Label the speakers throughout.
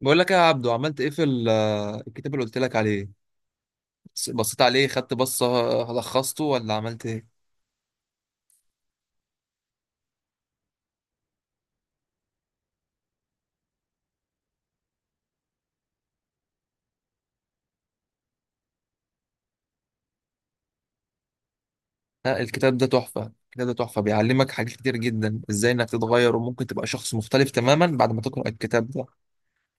Speaker 1: بقول لك إيه يا عبدو، عملت ايه في الكتاب اللي قلت لك عليه؟ بصيت عليه، خدت بصة. لخصته ولا عملت ايه؟ لا، الكتاب ده تحفة، الكتاب ده تحفة، بيعلمك حاجات كتير جدا ازاي انك تتغير، وممكن تبقى شخص مختلف تماما بعد ما تقرأ الكتاب ده،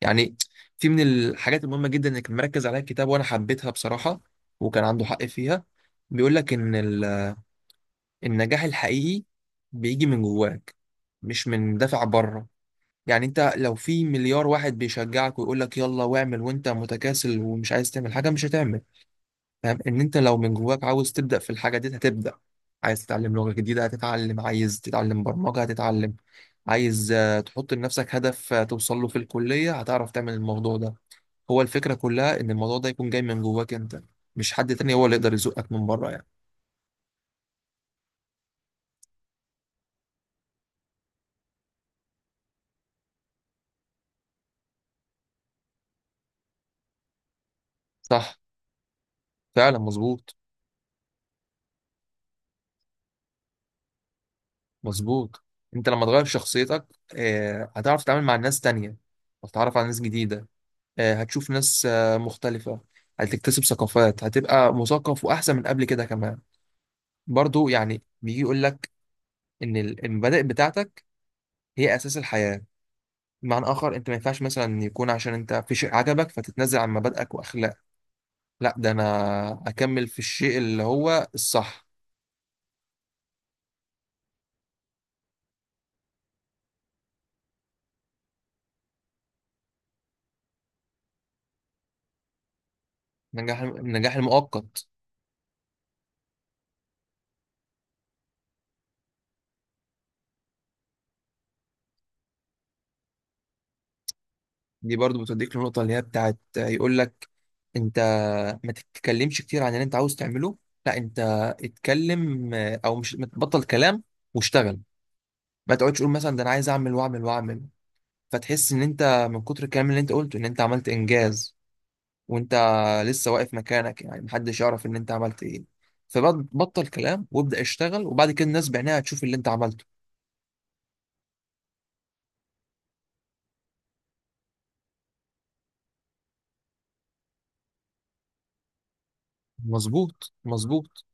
Speaker 1: يعني. في من الحاجات المهمة جدا انك مركز عليها الكتاب وانا حبيتها بصراحة، وكان عنده حق فيها. بيقول لك ان النجاح الحقيقي بيجي من جواك، مش من دافع بره. يعني انت لو في مليار واحد بيشجعك ويقول لك يلا واعمل، وانت متكاسل ومش عايز تعمل حاجه، مش هتعمل. فاهم ان انت لو من جواك عاوز تبدا في الحاجه دي هتبدا، عايز تتعلم لغه جديده هتتعلم، عايز تتعلم برمجه هتتعلم، عايز تحط لنفسك هدف توصل له في الكليه، هتعرف تعمل الموضوع ده. هو الفكره كلها ان الموضوع ده يكون جاي من جواك انت، مش حد تاني هو اللي يقدر يزقك من بره، يعني. صح. فعلا، مظبوط مظبوط. انت لما تغير شخصيتك هتعرف تتعامل مع ناس تانية، هتتعرف على ناس جديدة، هتشوف ناس مختلفة، هتكتسب ثقافات، هتبقى مثقف وأحسن من قبل كده كمان. برضو يعني بيجي يقول لك إن المبادئ بتاعتك هي أساس الحياة. بمعنى آخر، أنت ما ينفعش مثلا يكون عشان أنت في شيء عجبك فتتنازل عن مبادئك وأخلاقك. لا، ده أنا أكمل في الشيء اللي هو الصح. النجاح، النجاح المؤقت. دي برضو بتوديك للنقطة اللي هي بتاعت يقول لك انت ما تتكلمش كتير عن اللي انت عاوز تعمله. لا، انت اتكلم، او مش، ما تبطل كلام واشتغل. ما تقعدش تقول مثلا ده انا عايز اعمل واعمل واعمل، فتحس ان انت من كتر الكلام اللي انت قلته ان انت عملت انجاز وانت لسه واقف مكانك، يعني محدش يعرف ان انت عملت ايه. فبطل كلام وابدأ اشتغل، وبعد كده الناس بعينها هتشوف اللي انت عملته. مظبوط مظبوط.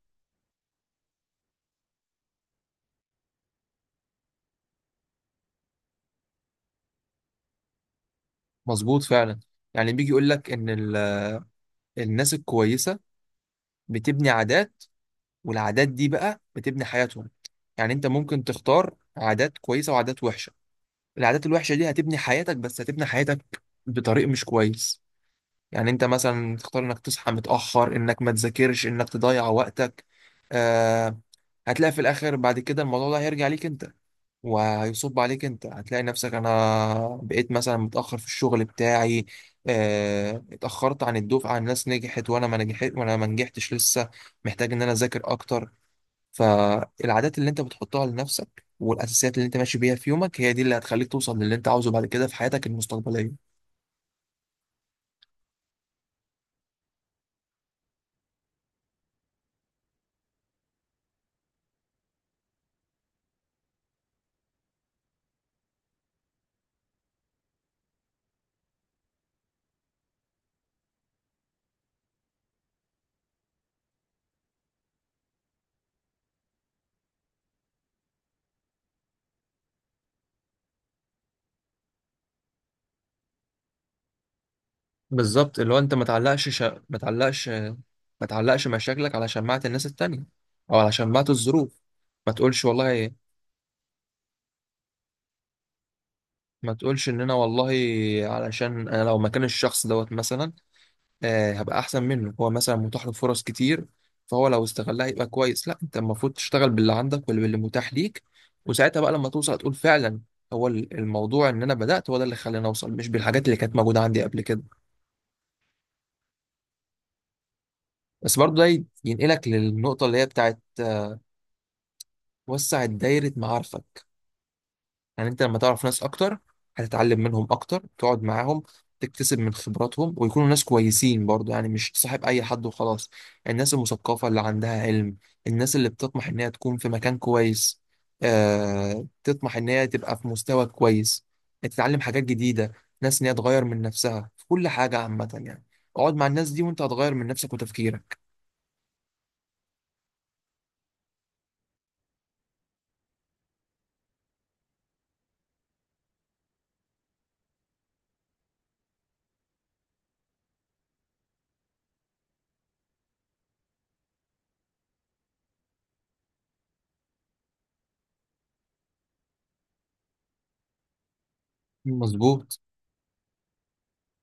Speaker 1: مظبوط، فعلا. يعني بيجي يقول لك ان الناس الكويسة بتبني عادات، والعادات دي بقى بتبني حياتهم. يعني انت ممكن تختار عادات كويسة وعادات وحشة. العادات الوحشة دي هتبني حياتك، بس هتبني حياتك بطريق مش كويس. يعني انت مثلا تختار انك تصحى متأخر، انك ما تذاكرش، انك تضيع وقتك، آه هتلاقي في الاخر بعد كده الموضوع ده هيرجع ليك انت وهيصب عليك. انت هتلاقي نفسك، انا بقيت مثلا متأخر في الشغل بتاعي، اتأخرت عن الدفعة، الناس نجحت وانا ما نجحتش لسه، محتاج ان انا اذاكر اكتر. فالعادات اللي انت بتحطها لنفسك والاساسيات اللي انت ماشي بيها في يومك هي دي اللي هتخليك توصل للي انت عاوزه بعد كده في حياتك المستقبليه. بالظبط، اللي هو انت ما تعلقش شا... ما تعلقش ما تعلقش مشاكلك على شماعة الناس التانية او على شماعة الظروف. ما تقولش والله ما تقولش ان انا والله، علشان انا لو مكان الشخص دوت مثلا هبقى احسن منه، هو مثلا متاح له فرص كتير، فهو لو استغلها يبقى كويس. لا، انت المفروض تشتغل باللي عندك واللي باللي متاح ليك، وساعتها بقى لما توصل تقول فعلا هو الموضوع ان انا بدات، هو ده اللي خلاني اوصل، مش بالحاجات اللي كانت موجوده عندي قبل كده. بس برضه ده ينقلك للنقطه اللي هي بتاعت وسع دايره معارفك. يعني انت لما تعرف ناس اكتر هتتعلم منهم اكتر، تقعد معاهم تكتسب من خبراتهم، ويكونوا ناس كويسين برضو، يعني مش تصاحب اي حد وخلاص. الناس المثقفة اللي عندها علم، الناس اللي بتطمح ان هي تكون في مكان كويس، تطمح ان هي تبقى في مستوى كويس، تتعلم حاجات جديدة، ناس ان هي تغير من نفسها في كل حاجة عامة، يعني اقعد مع الناس دي وانت هتغير من نفسك وتفكيرك. مظبوط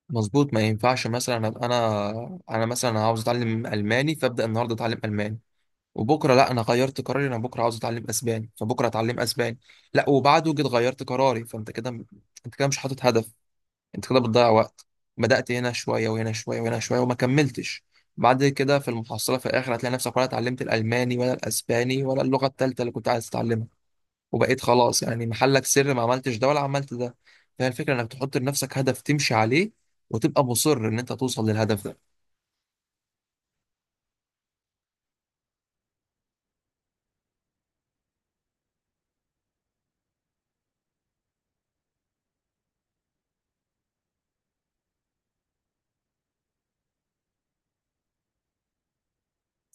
Speaker 1: مظبوط. ما ينفعش مثلا ابقى انا مثلا عاوز اتعلم الماني، فابدا النهارده اتعلم الماني، وبكره لا انا غيرت قراري، انا بكره عاوز اتعلم اسباني، فبكره اتعلم اسباني، لا وبعده جيت غيرت قراري. فانت كده، انت كده مش حاطط هدف، انت كده بتضيع وقت، بدأت هنا شويه وهنا شويه وهنا شويه وما كملتش. بعد كده في المحصله في الاخر هتلاقي نفسك ولا اتعلمت الالماني ولا الاسباني ولا اللغه الثالثه اللي كنت عايز تتعلمها، وبقيت خلاص يعني محلك سر، ما عملتش ده ولا عملت ده. فهي الفكره انك تحط لنفسك هدف تمشي عليه وتبقى مصر ان انت توصل للهدف ده.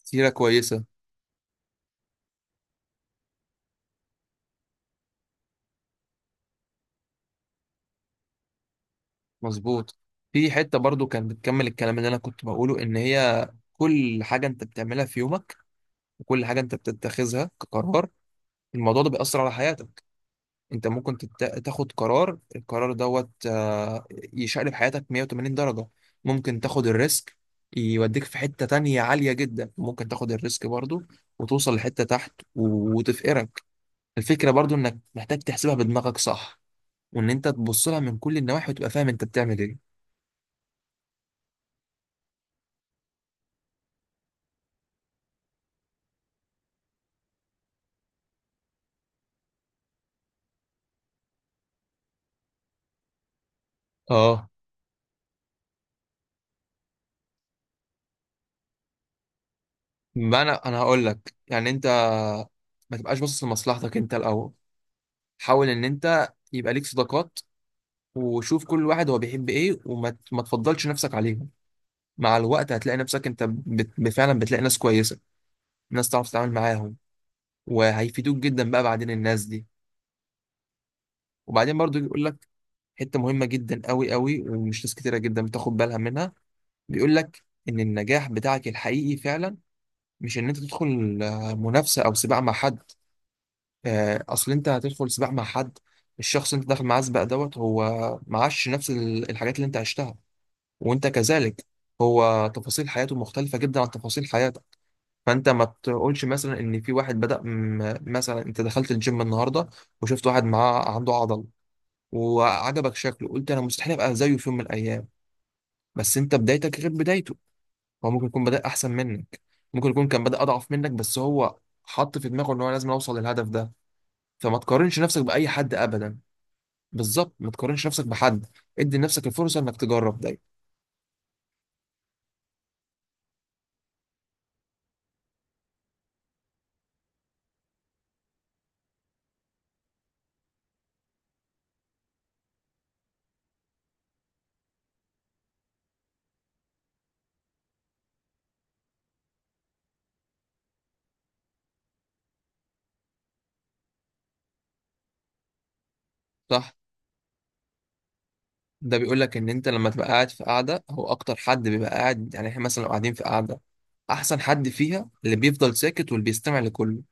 Speaker 1: سيره كويسه. مظبوط. في حتة برضو كانت بتكمل الكلام اللي أنا كنت بقوله إن هي كل حاجة أنت بتعملها في يومك وكل حاجة أنت بتتخذها كقرار، الموضوع ده بيأثر على حياتك. أنت ممكن تاخد قرار، القرار دوت يشقلب حياتك 180 درجة. ممكن تاخد الريسك يوديك في حتة تانية عالية جدا، ممكن تاخد الريسك برضو وتوصل لحتة تحت وتفقرك. الفكرة برضو إنك محتاج تحسبها بدماغك صح، وإن أنت تبص لها من كل النواحي وتبقى فاهم أنت بتعمل إيه. اه، ما انا هقول لك يعني، انت ما تبقاش باصص لمصلحتك انت الاول، حاول ان انت يبقى ليك صداقات، وشوف كل واحد هو بيحب ايه، وما ت- ما تفضلش نفسك عليهم. مع الوقت هتلاقي نفسك انت فعلا بتلاقي ناس كويسه، ناس تعرف تتعامل معاهم وهيفيدوك جدا بقى بعدين الناس دي. وبعدين برضو يقول لك حته مهمه جدا قوي قوي، ومش ناس كتيره جدا بتاخد بالها منها. بيقول لك ان النجاح بتاعك الحقيقي فعلا مش ان انت تدخل منافسه او سباق مع حد. اصل انت هتدخل سباق مع حد، الشخص اللي انت داخل معاه سباق دوت هو معاش نفس الحاجات اللي انت عشتها، وانت كذلك. هو تفاصيل حياته مختلفة جدا عن تفاصيل حياتك. فانت ما تقولش مثلا ان في واحد بدأ مثلا انت دخلت الجيم النهارده وشفت واحد معاه عنده عضل، وعجبك شكله، قلت انا مستحيل ابقى زيه في يوم من الايام. بس انت بدايتك غير بدايته، هو ممكن يكون بدأ احسن منك، ممكن يكون كان بدأ اضعف منك بس هو حط في دماغه ان هو لازم اوصل للهدف ده. فما تقارنش نفسك بأي حد ابدا. بالظبط، ما تقارنش نفسك بحد، ادي لنفسك الفرصه انك تجرب دايما. صح. ده بيقول لك ان انت لما تبقى قاعد في قعده، هو اكتر حد بيبقى قاعد، يعني احنا مثلا لو قاعدين في قعده احسن حد فيها اللي بيفضل ساكت واللي بيستمع لكله،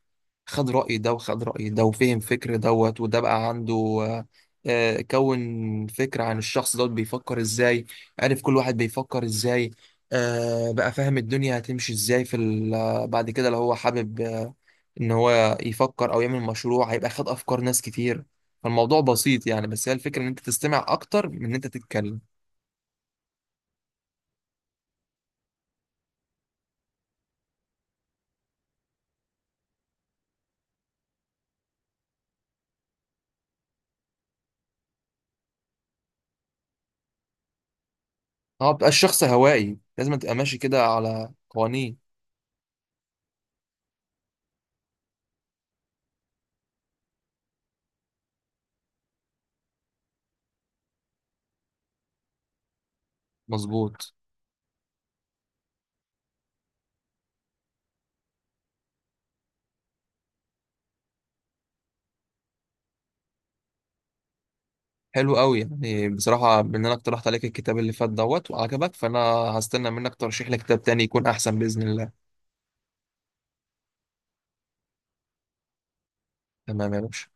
Speaker 1: خد رأي ده وخد رأي ده وفهم فكر دوت، وده بقى عنده آه، كون فكرة عن الشخص دوت بيفكر ازاي، عارف كل واحد بيفكر ازاي، بقى فاهم الدنيا هتمشي ازاي في بعد كده لو هو حابب ان هو يفكر او يعمل مشروع، هيبقى خد افكار ناس كتير. فالموضوع بسيط يعني، بس هي الفكرة ان انت تستمع اكتر من ان انت تتكلم. هو بقى الشخص هوائي، لازم تبقى ماشي كده على قوانين. مظبوط. حلو قوي، يعني بصراحة بما ان انا اقترحت عليك الكتاب اللي فات دوت وعجبك، فانا هستنى منك ترشيح لي كتاب تاني يكون احسن بإذن الله. تمام يا باشا.